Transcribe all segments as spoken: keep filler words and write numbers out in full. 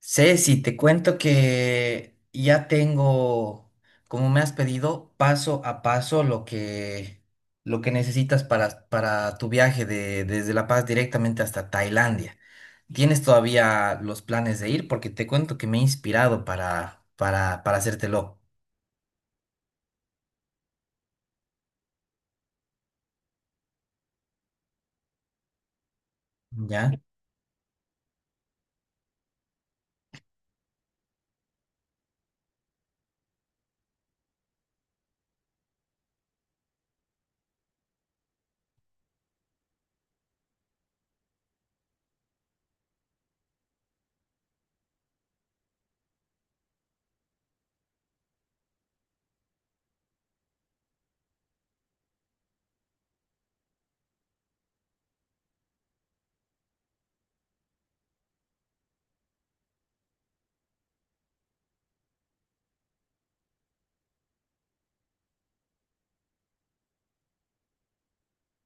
Ceci, te cuento que ya tengo, como me has pedido, paso a paso lo que, lo que necesitas para, para tu viaje de, desde La Paz directamente hasta Tailandia. ¿Tienes todavía los planes de ir? Porque te cuento que me he inspirado para, para, para hacértelo. ¿Ya?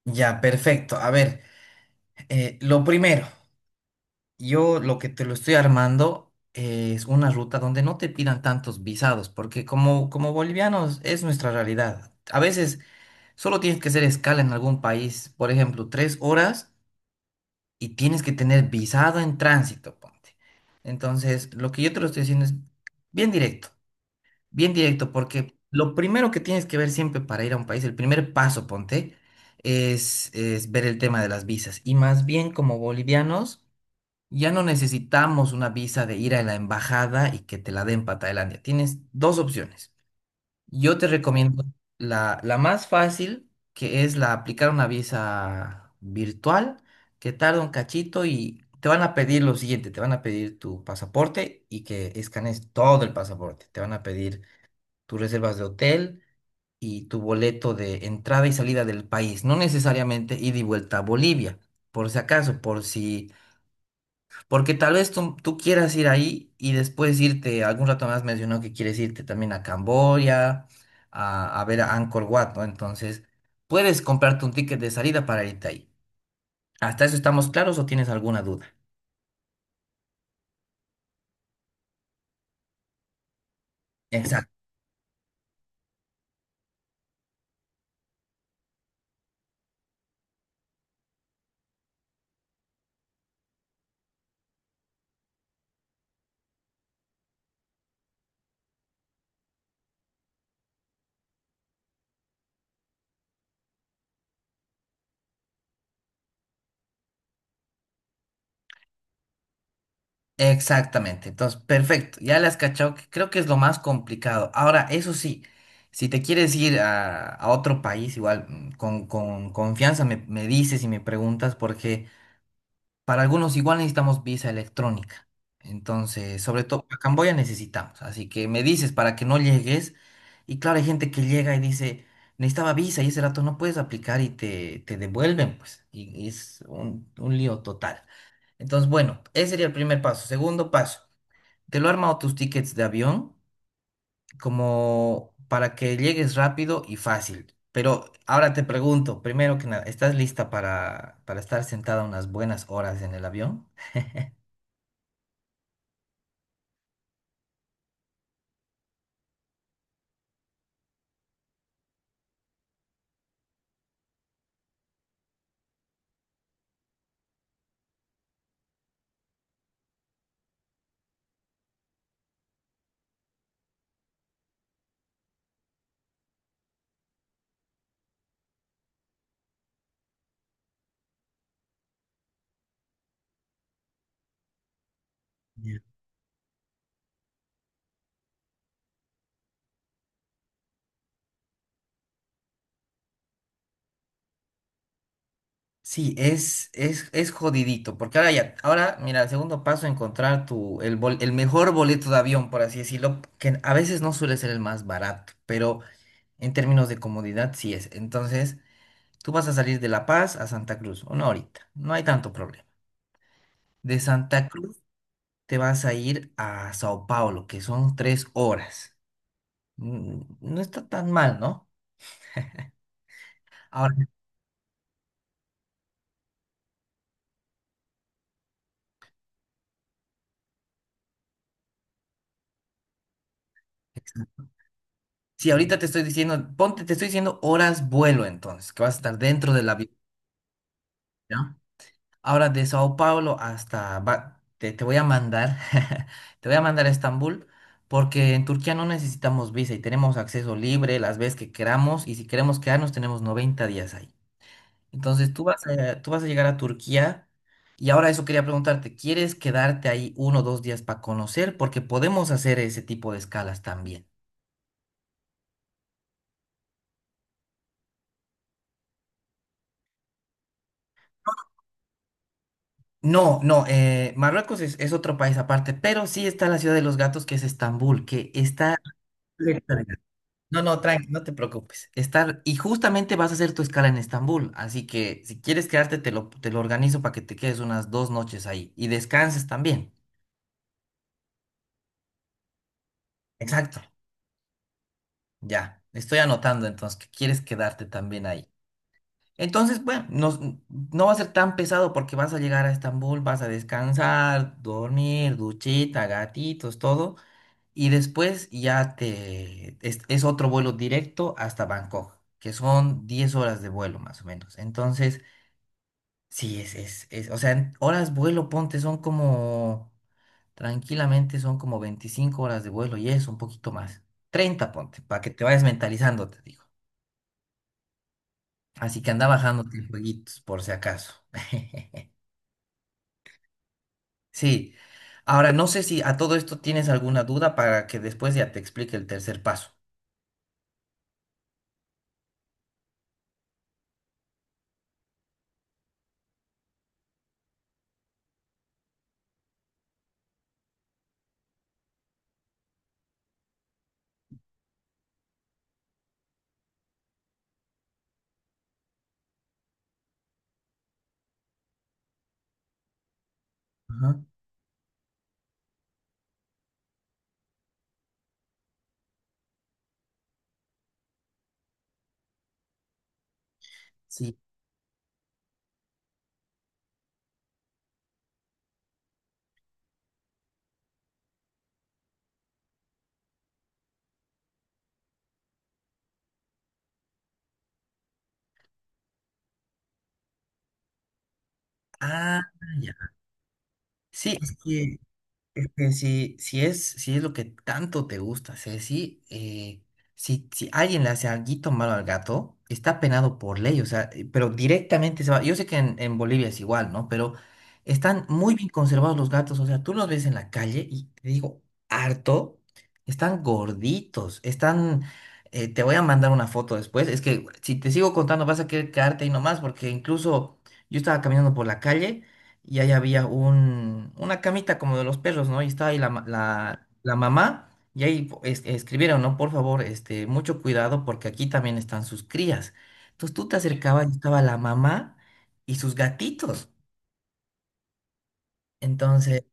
Ya, perfecto. A ver, eh, lo primero. Yo lo que te lo estoy armando es una ruta donde no te pidan tantos visados, porque como, como bolivianos es nuestra realidad. A veces solo tienes que hacer escala en algún país, por ejemplo, tres horas y tienes que tener visado en tránsito, ponte. Entonces, lo que yo te lo estoy diciendo es bien directo, bien directo, porque lo primero que tienes que ver siempre para ir a un país, el primer paso, ponte, es, es ver el tema de las visas. Y más bien como bolivianos. Ya no necesitamos una visa de ir a la embajada y que te la den para Tailandia. Tienes dos opciones. Yo te recomiendo la, la más fácil, que es la aplicar una visa virtual, que tarda un cachito y te van a pedir lo siguiente, te van a pedir tu pasaporte y que escanees todo el pasaporte. Te van a pedir tus reservas de hotel y tu boleto de entrada y salida del país, no necesariamente ida y vuelta a Bolivia, por si acaso, por si porque tal vez tú, tú quieras ir ahí y después irte, algún rato más mencionó que quieres irte también a Camboya, a, a ver a Angkor Wat, ¿no? Entonces, puedes comprarte un ticket de salida para irte ahí. ¿Hasta eso estamos claros o tienes alguna duda? Exacto. Exactamente. Entonces, perfecto. Ya le has cachado que creo que es lo más complicado. Ahora, eso sí, si te quieres ir a, a otro país, igual mm, con, con confianza me, me dices y me preguntas porque... Para algunos igual necesitamos visa electrónica. Entonces, sobre todo a Camboya necesitamos. Así que me dices para que no llegues. Y claro, hay gente que llega y dice, necesitaba visa y ese rato no puedes aplicar y te, te devuelven, pues. Y, y es un, un lío total. Entonces, bueno, ese sería el primer paso. Segundo paso, te lo he armado tus tickets de avión como para que llegues rápido y fácil. Pero ahora te pregunto, primero que nada, ¿estás lista para, para estar sentada unas buenas horas en el avión? Sí, es, es, es jodidito, porque ahora ya, ahora, mira, el segundo paso, encontrar tu, el, bol- el mejor boleto de avión, por así decirlo, que a veces no suele ser el más barato, pero en términos de comodidad sí es. Entonces, tú vas a salir de La Paz a Santa Cruz, una horita, no hay tanto problema. De Santa Cruz te vas a ir a Sao Paulo, que son tres horas. Mm, No está tan mal, ¿no? Ahora, si ahorita te estoy diciendo, ponte, te estoy diciendo horas vuelo entonces, que vas a estar dentro del avión. Ahora de Sao Paulo hasta... va- te, te voy a mandar, te voy a mandar a Estambul, porque en Turquía no necesitamos visa y tenemos acceso libre las veces que queramos y si queremos quedarnos tenemos noventa días ahí. Entonces tú vas a, tú vas a llegar a Turquía y ahora eso quería preguntarte, ¿quieres quedarte ahí uno o dos días para conocer? Porque podemos hacer ese tipo de escalas también. No, no, eh, Marruecos es, es otro país aparte, pero sí está la ciudad de los gatos que es Estambul, que está... No, no, tranqui, no te preocupes. Estar, y justamente vas a hacer tu escala en Estambul, así que si quieres quedarte, te lo, te lo organizo para que te quedes unas dos noches ahí y descanses también. Exacto, ya. Estoy anotando entonces que quieres quedarte también ahí. Entonces, bueno, nos- no va a ser tan pesado porque vas a llegar a Estambul, vas a descansar, dormir, duchita, gatitos, todo. Y después ya te... Es, es otro vuelo directo hasta Bangkok, que son diez horas de vuelo más o menos. Entonces... Sí, es, es, es, o sea, en horas vuelo, ponte, son como, tranquilamente son como veinticinco horas de vuelo y es un poquito más. Treinta ponte, para que te vayas mentalizando, te digo. Así que anda bajándote el jueguitos, por si acaso. Sí. Ahora, no sé si a todo esto tienes alguna duda para que después ya te explique el tercer paso. Ajá. Sí. Ah, ya. Sí, es que que si, si es, si es lo que tanto te gusta, hacer, si, eh, si, si alguien le hace alguito malo al gato, está penado por ley, o sea, eh, pero directamente se va. Yo sé que en, en Bolivia es igual, ¿no? Pero están muy bien conservados los gatos, o sea, tú los ves en la calle y te digo, harto, están gorditos, están. eh, te voy a mandar una foto después. Es que si te sigo contando vas a querer quedarte ahí nomás, porque incluso yo estaba caminando por la calle y ahí había un, una camita como de los perros, ¿no? Y estaba ahí la, ma- la, la mamá y ahí po- es- escribieron, ¿no? Por favor, este, mucho cuidado porque aquí también están sus crías. Entonces tú te acercabas y estaba la mamá y sus gatitos. Entonces,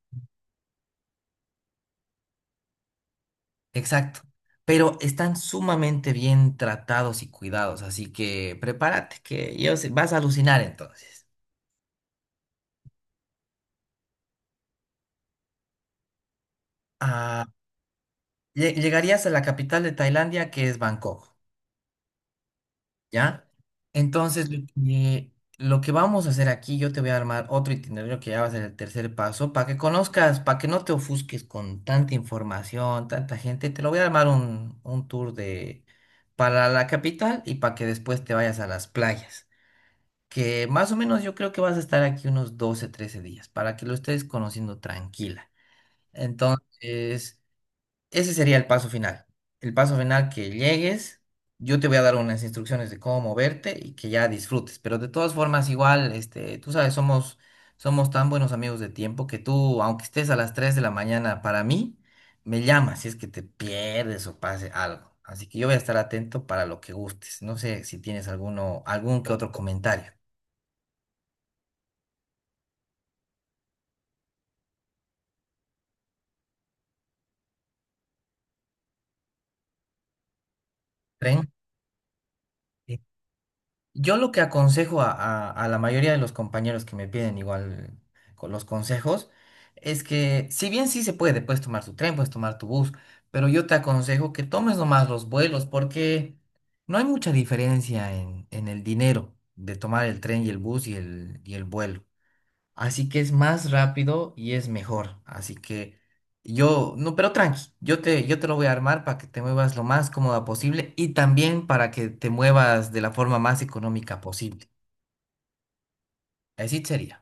exacto. Pero están sumamente bien tratados y cuidados, así que prepárate, que yo sé- vas a alucinar entonces. Ah, lle- llegarías a la capital de Tailandia, que es Bangkok. ¿Ya? Entonces, lo que, lo que vamos a hacer aquí, yo te voy a armar otro itinerario que ya va a ser el tercer paso, para que conozcas, para que no te ofusques con tanta información, tanta gente, te lo voy a armar un, un tour de, para la capital y para que después te vayas a las playas, que más o menos yo creo que vas a estar aquí unos doce, trece días, para que lo estés conociendo tranquila. Entonces... Ese sería el paso final. El paso final que llegues, yo te voy a dar unas instrucciones de cómo moverte y que ya disfrutes. Pero de todas formas, igual, este, tú sabes, somos, somos tan buenos amigos de tiempo que tú, aunque estés a las tres de la mañana, para mí, me llamas si es que te pierdes o pase algo. Así que yo voy a estar atento para lo que gustes. No sé si tienes alguno, algún que otro comentario. ¿Creen? Yo lo que aconsejo a, a- a la mayoría de los compañeros que me piden igual con los consejos es que si bien sí se puede, puedes tomar tu tren, puedes tomar tu bus, pero yo te aconsejo que tomes nomás los vuelos porque no hay mucha diferencia en, en el dinero de tomar el tren y el bus y el, y el vuelo. Así que es más rápido y es mejor. Así que yo, no, pero tranqui, yo te, yo te lo voy a armar para que te muevas lo más cómoda posible y también para que te muevas de la forma más económica posible. Así sería.